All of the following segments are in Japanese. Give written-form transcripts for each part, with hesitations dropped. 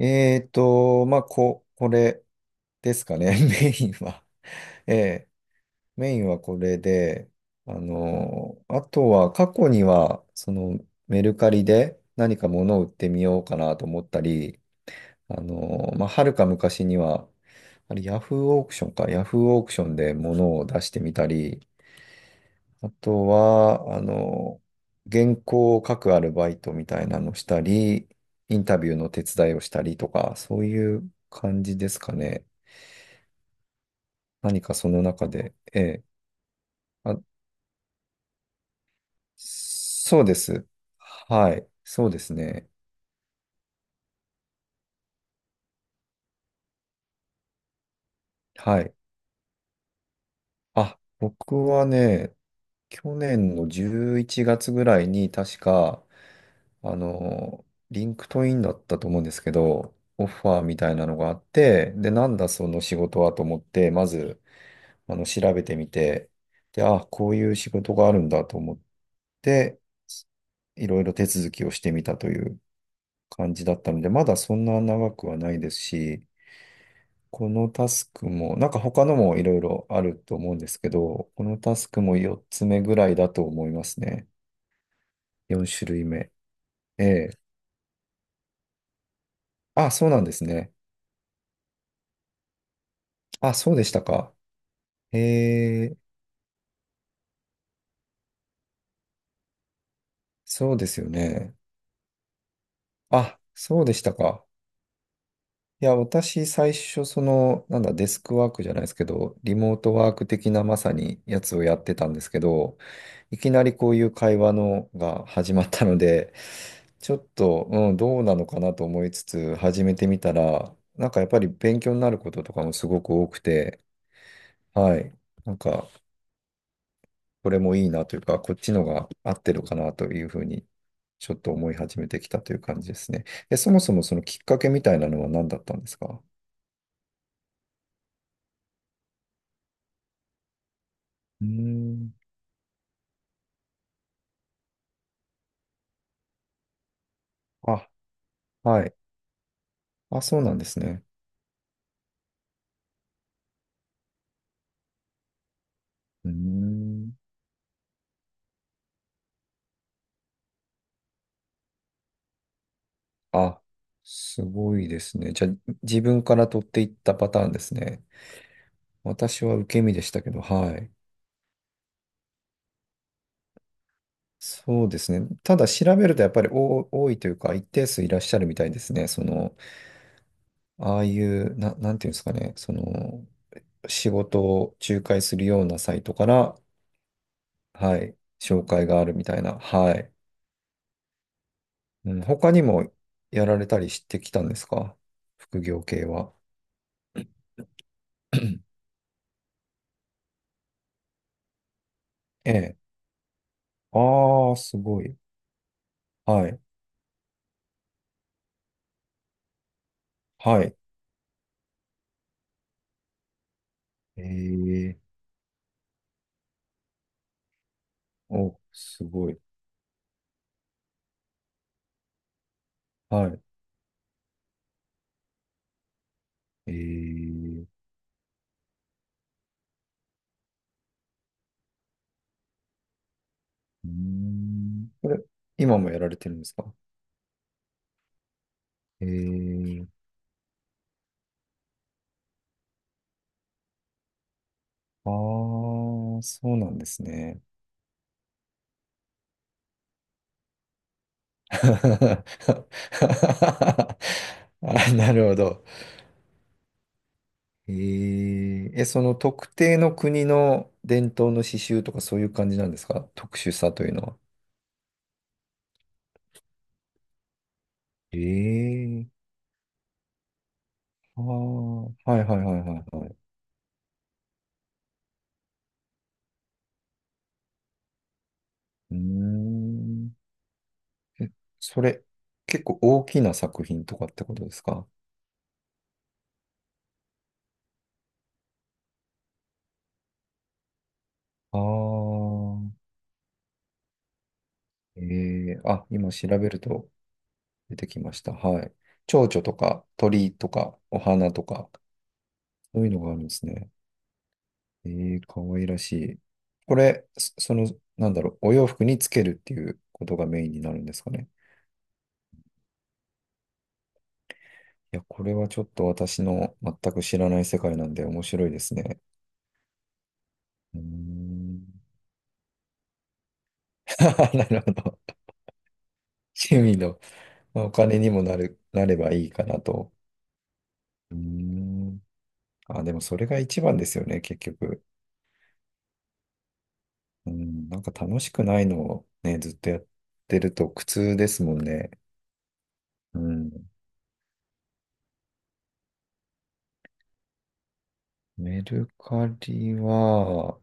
まあ、これですかね、メインは。ええ、メインはこれで、あとは過去には、そのメルカリで何か物を売ってみようかなと思ったり、まあ、はるか昔には、あれ、ヤフーオークションか、ヤフーオークションで物を出してみたり、あとは、原稿を書くアルバイトみたいなのしたり、インタビューの手伝いをしたりとか、そういう感じですかね。何かその中で、ええ、あ、そうです。はい。そうですね。はい。あ、僕はね、去年の11月ぐらいに確か、あの、リンクトインだったと思うんですけど、オファーみたいなのがあって、で、なんだその仕事はと思って、まず、調べてみて、で、あ、こういう仕事があるんだと思って、いろいろ手続きをしてみたという感じだったので、まだそんな長くはないですし、このタスクも、なんか他のもいろいろあると思うんですけど、このタスクも4つ目ぐらいだと思いますね。4種類目。ええ。あ、そうなんですね。あ、そうでしたか。ええ、そうですよね。あ、そうでしたか。いや、私、最初、その、なんだ、デスクワークじゃないですけど、リモートワーク的なまさにやつをやってたんですけど、いきなりこういう会話のが始まったので、ちょっと、うん、どうなのかなと思いつつ、始めてみたら、なんかやっぱり勉強になることとかもすごく多くて、はい、なんか、これもいいなというか、こっちのが合ってるかなというふうに、ちょっと思い始めてきたという感じですね。え、そもそもそのきっかけみたいなのは何だったんですか？うーん。あ、はい。あ、そうなんですね。うーん。あ、すごいですね。じゃあ、自分から取っていったパターンですね。私は受け身でしたけど、はい。そうですね。ただ調べるとやっぱり多いというか、一定数いらっしゃるみたいですね。その、ああいう、なんていうんですかね。その、仕事を仲介するようなサイトから、はい、紹介があるみたいな。はい。うん、他にもやられたりしてきたんですか？副業系は。ええ。ああ、すごい。はい。はい。ええ、お、すごい。はい。ええ。うーん。これ、今もやられてるんですか？ええ。ああー、そうなんですね。あ、なるほど。えええ、その特定の国の伝統の刺繍とかそういう感じなんですか？特殊さというのは。ええ。ああ、はいはいはいはいはい。うーん。え、それ、結構大きな作品とかってことですか？ああー、えー、あ、今調べると出てきました。はい。蝶々とか鳥とかお花とか、そういうのがあるんですね。えー、かわいらしい。これ、その、なんだろう、お洋服につけるっていうことがメインになるんですかね。いや、これはちょっと私の全く知らない世界なんで面白いですね。うーん。なるほど。趣味の、まあ、お金にもなる、なればいいかなと。うーん。あ、でもそれが一番ですよね、結局。うん。なんか楽しくないのをね、ずっとやってると苦痛ですもんね。うん。メルカリは、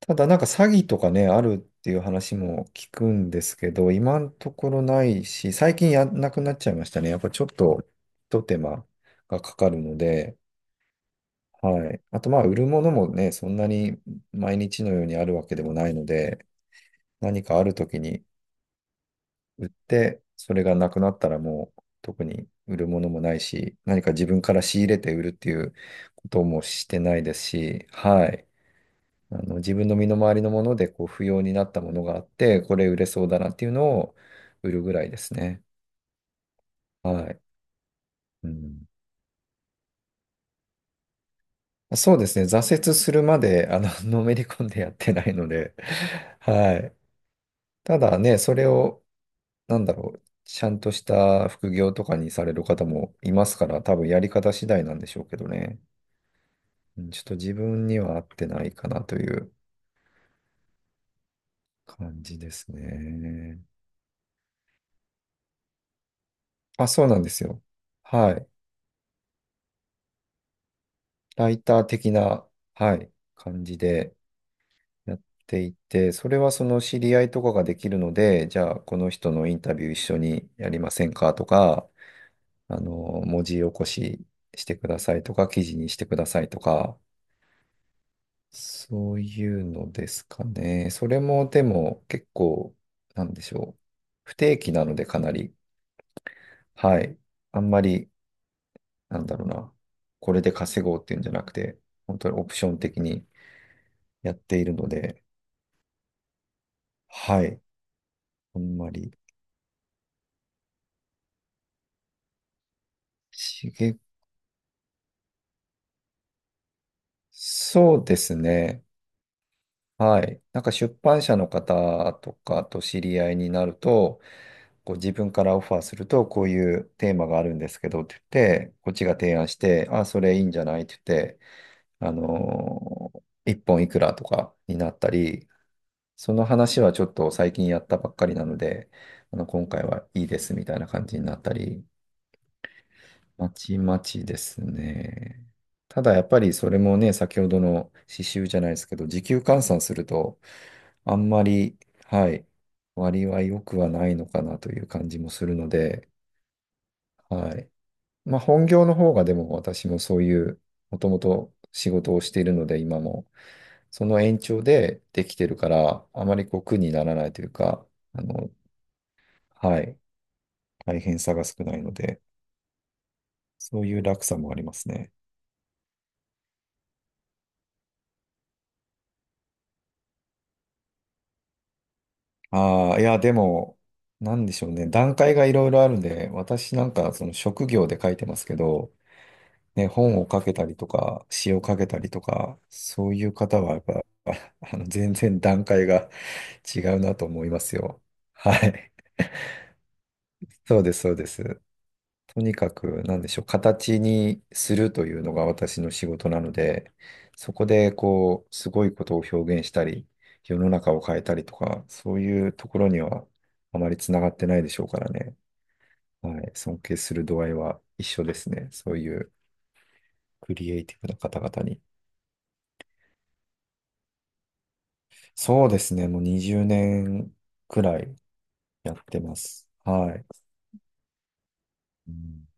ただなんか詐欺とかね、あるっていう話も聞くんですけど、今のところないし、最近やんなくなっちゃいましたね。やっぱちょっと、ひと手間がかかるので、はい。あとまあ、売るものもね、そんなに毎日のようにあるわけでもないので、何かある時に売って、それがなくなったらもう特に売るものもないし、何か自分から仕入れて売るっていうこともしてないですし、はい。あの、自分の身の回りのものでこう不要になったものがあって、これ売れそうだなっていうのを売るぐらいですね。はい。うん、そうですね。挫折するまで、のめり込んでやってないので、はい。ただね、それをなんだろう、ちゃんとした副業とかにされる方もいますから、多分やり方次第なんでしょうけどね。うん、ちょっと自分には合ってないかなという感じですね。あ、そうなんですよ。はい。ライター的な、はい、感じでやっていて、それはその知り合いとかができるので、じゃあこの人のインタビュー一緒にやりませんかとか、あの、文字起こししてくださいとか、記事にしてくださいとか、そういうのですかね。それもでも結構、なんでしょう。不定期なのでかなり、はい。あんまり、なんだろうな。これで稼ごうっていうんじゃなくて、本当にオプション的にやっているので、はい。あんまり、刺げ、そうですね。はい。なんか出版社の方とかと知り合いになると、こう自分からオファーすると、こういうテーマがあるんですけどって言って、こっちが提案して、あ、それいいんじゃないって言って、あのー一本いくらとかになったり、その話はちょっと最近やったばっかりなので、今回はいいですみたいな感じになったり、まちまちですね。ただやっぱりそれもね、先ほどの刺繍じゃないですけど、時給換算すると、あんまり、はい、割は良くはないのかなという感じもするので、はい。まあ本業の方がでも私もそういう、もともと仕事をしているので、今も、その延長でできてるから、あまりこう苦にならないというか、あの、はい、大変さが少ないので、そういう楽さもありますね。ああ、いや、でも、なんでしょうね。段階がいろいろあるんで、私なんか、その職業で書いてますけど、ね、本を書けたりとか、詩を書けたりとか、そういう方は、やっぱ、全然段階が違うなと思いますよ。はい。そうです、そうです。とにかく、なんでしょう、形にするというのが私の仕事なので、そこで、こう、すごいことを表現したり、世の中を変えたりとか、そういうところにはあまりつながってないでしょうからね。はい、尊敬する度合いは一緒ですね。そういうクリエイティブな方々に。そうですね、もう20年くらいやってます。はい。うん、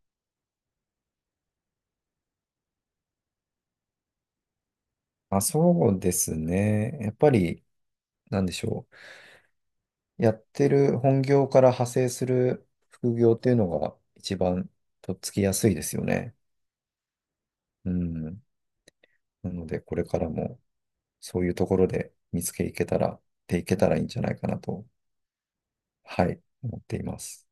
あ、そうですね。やっぱり、なんでしょう。やってる本業から派生する副業っていうのが一番とっつきやすいですよね。うん。なので、これからもそういうところで見つけいけたら、でいけたらいいんじゃないかなと、はい、思っています。